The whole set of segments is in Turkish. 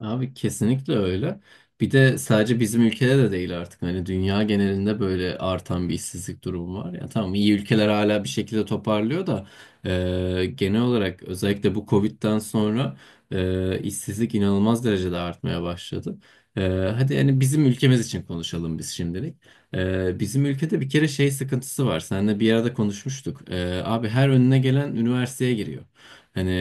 Abi kesinlikle öyle. Bir de sadece bizim ülkede de değil artık. Hani dünya genelinde böyle artan bir işsizlik durumu var. Ya tamam iyi ülkeler hala bir şekilde toparlıyor da genel olarak özellikle bu Covid'den sonra işsizlik inanılmaz derecede artmaya başladı. E, Hadi yani bizim ülkemiz için konuşalım biz şimdilik. Bizim ülkede bir kere şey sıkıntısı var. Seninle bir arada konuşmuştuk. Abi her önüne gelen üniversiteye giriyor. Hani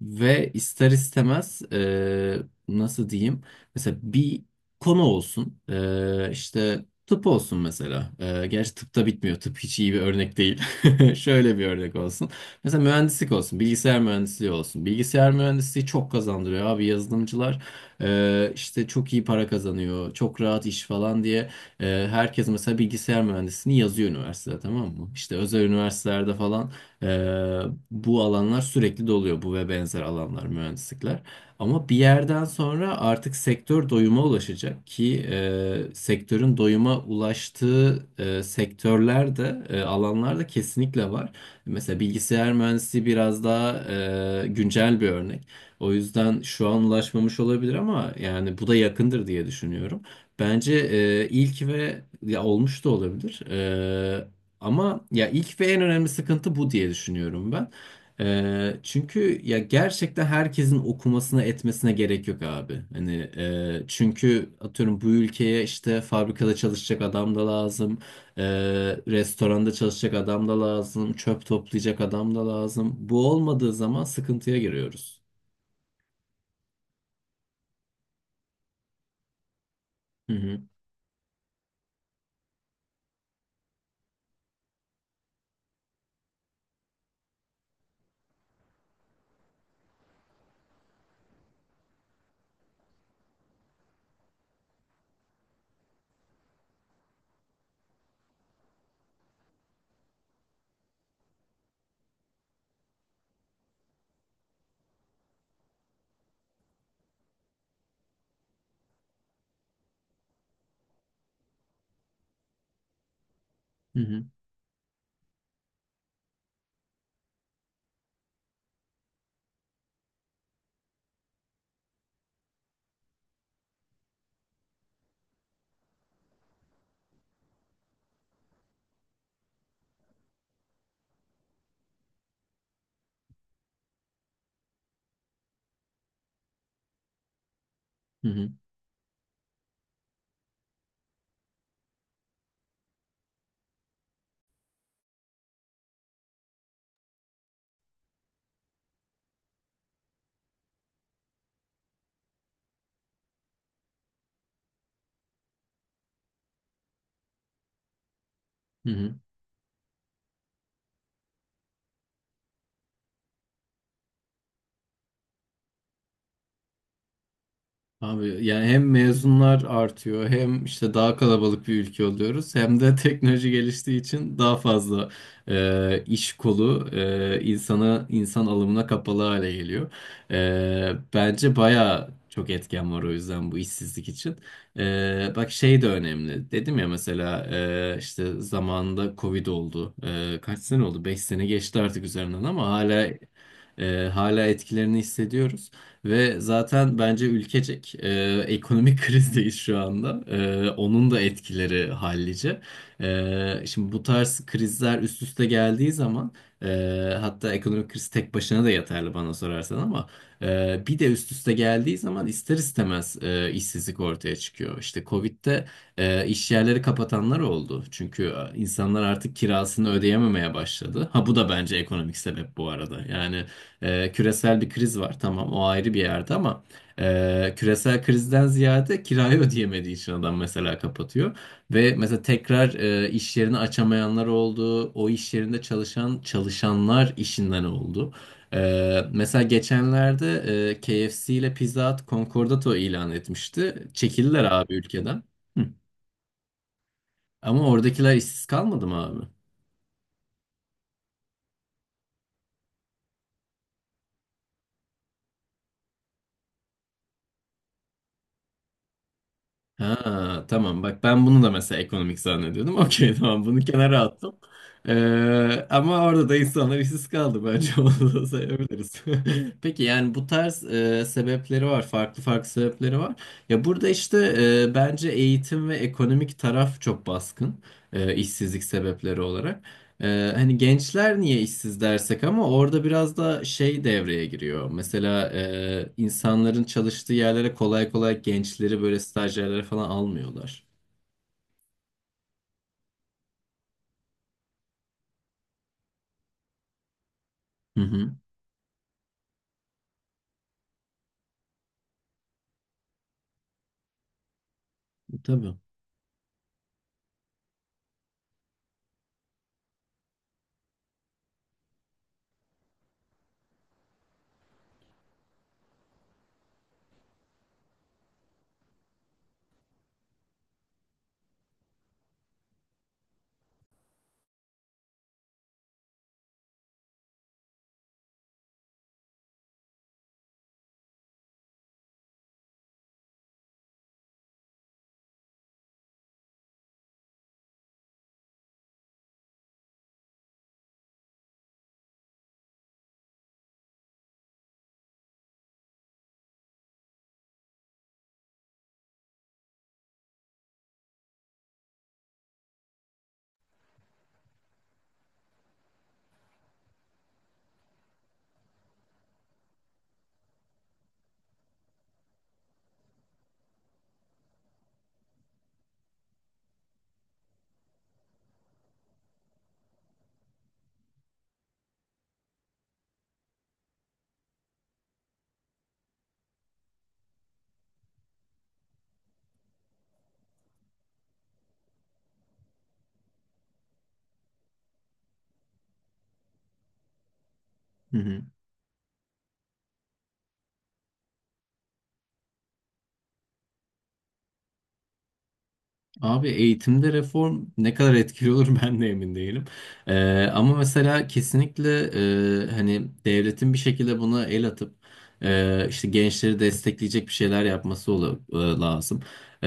ve ister istemez nasıl diyeyim? Mesela bir konu olsun. İşte tıp olsun mesela. Gerçi tıp da bitmiyor. Tıp hiç iyi bir örnek değil. Şöyle bir örnek olsun. Mesela mühendislik olsun. Bilgisayar mühendisliği olsun. Bilgisayar mühendisliği çok kazandırıyor abi yazılımcılar. İşte çok iyi para kazanıyor. Çok rahat iş falan diye. Herkes mesela bilgisayar mühendisliğini yazıyor üniversitede, tamam mı? İşte özel üniversitelerde falan. Ee, Bu alanlar sürekli doluyor, bu ve benzer alanlar, mühendislikler. Ama bir yerden sonra artık sektör doyuma ulaşacak ki sektörün doyuma ulaştığı sektörler de alanlar da kesinlikle var. Mesela bilgisayar mühendisliği biraz daha güncel bir örnek. O yüzden şu an ulaşmamış olabilir ama yani bu da yakındır diye düşünüyorum. Bence ilk ve ya olmuş da olabilir. Ama ya ilk ve en önemli sıkıntı bu diye düşünüyorum ben. Çünkü ya gerçekten herkesin okumasına etmesine gerek yok abi. Hani çünkü atıyorum bu ülkeye işte fabrikada çalışacak adam da lazım, e, restoranda çalışacak adam da lazım, çöp toplayacak adam da lazım. Bu olmadığı zaman sıkıntıya giriyoruz. Hı hı, hı hı, hı hı, hı hı. Abi yani hem mezunlar artıyor, hem işte daha kalabalık bir ülke oluyoruz, hem de teknoloji geliştiği için daha fazla iş kolu insana, insan alımına kapalı hale geliyor. Bence baya çok etken var o yüzden bu işsizlik için. Bak şey de önemli, dedim ya, mesela işte zamanında Covid oldu. Kaç sene oldu? 5 sene geçti artık üzerinden ama hala hala etkilerini hissediyoruz. Ve zaten bence ülkecek ekonomik krizdeyiz şu anda. Onun da etkileri hallice. Şimdi bu tarz krizler üst üste geldiği zaman e, hatta ekonomik kriz tek başına da yeterli bana sorarsan, ama bir de üst üste geldiği zaman ister istemez işsizlik ortaya çıkıyor. İşte Covid'de iş yerleri kapatanlar oldu. Çünkü insanlar artık kirasını ödeyememeye başladı. Ha, bu da bence ekonomik sebep bu arada. Yani küresel bir kriz var tamam, o ayrı bir yerde, ama küresel krizden ziyade kirayı ödeyemediği için adam mesela kapatıyor. Ve mesela tekrar iş yerini açamayanlar oldu. O iş yerinde çalışan çalışanlar işinden oldu. Mesela geçenlerde KFC ile Pizza Hut Concordato ilan etmişti. Çekildiler abi ülkeden. Hı. Ama oradakiler işsiz kalmadı mı abi? Ha tamam, bak ben bunu da mesela ekonomik zannediyordum. Okey, tamam, bunu kenara attım. Ama orada da insanlar işsiz kaldı bence, onu da sayabiliriz. Peki yani bu tarz sebepleri var. Farklı farklı sebepleri var. Ya burada işte bence eğitim ve ekonomik taraf çok baskın, işsizlik sebepleri olarak. Hani gençler niye işsiz dersek, ama orada biraz da şey devreye giriyor. Mesela insanların çalıştığı yerlere kolay kolay gençleri böyle stajyerlere falan almıyorlar. Hı hı, tabii. Hı hı. Abi eğitimde reform ne kadar etkili olur ben de emin değilim. Ama mesela kesinlikle hani devletin bir şekilde buna el atıp işte gençleri destekleyecek bir şeyler yapması lazım. Ee,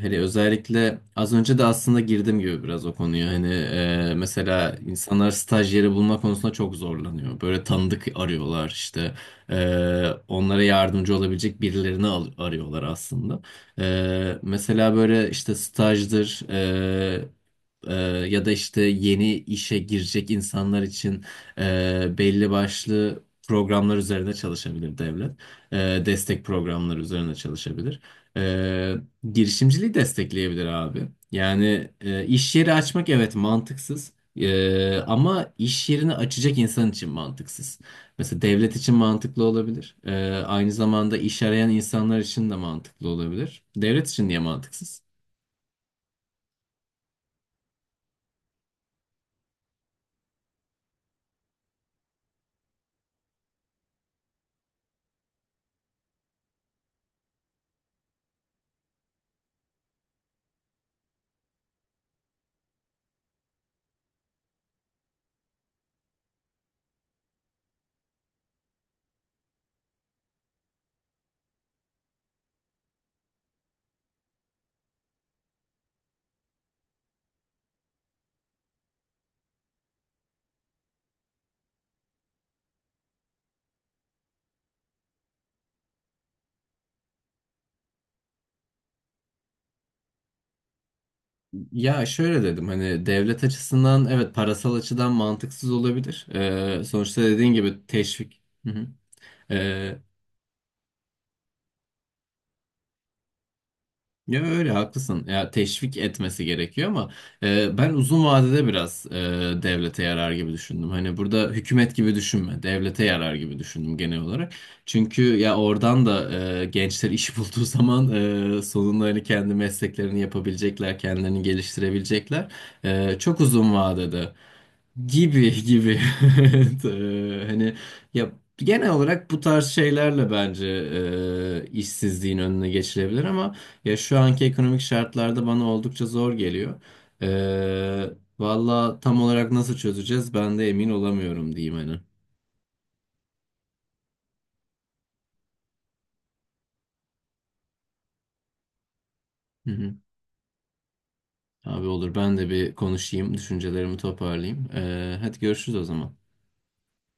Hani özellikle az önce de aslında girdim gibi biraz o konuya. Hani mesela insanlar staj yeri bulma konusunda çok zorlanıyor. Böyle tanıdık arıyorlar işte. Onlara yardımcı olabilecek birilerini arıyorlar aslında. Mesela böyle işte stajdır, e, ya da işte yeni işe girecek insanlar için belli başlı programlar üzerine çalışabilir devlet. E, Destek programları üzerine çalışabilir. E, Girişimciliği destekleyebilir abi. Yani iş yeri açmak, evet, mantıksız. Ama iş yerini açacak insan için mantıksız. Mesela devlet için mantıklı olabilir. Aynı zamanda iş arayan insanlar için de mantıklı olabilir. Devlet için niye mantıksız? Ya şöyle dedim, hani devlet açısından evet parasal açıdan mantıksız olabilir. Sonuçta dediğin gibi teşvik. Hı hı. Ee, Ya öyle haklısın. Ya teşvik etmesi gerekiyor ama ben uzun vadede biraz devlete yarar gibi düşündüm. Hani burada hükümet gibi düşünme, devlete yarar gibi düşündüm genel olarak. Çünkü ya oradan da gençler iş bulduğu zaman sonunda hani kendi mesleklerini yapabilecekler, kendilerini geliştirebilecekler. Çok uzun vadede gibi gibi. Evet, hani ya genel olarak bu tarz şeylerle bence işsizliğin önüne geçilebilir, ama ya şu anki ekonomik şartlarda bana oldukça zor geliyor. Ee, Valla tam olarak nasıl çözeceğiz ben de emin olamıyorum, diyeyim hani. Hı hı. Abi olur, ben de bir konuşayım, düşüncelerimi toparlayayım. Hadi görüşürüz o zaman.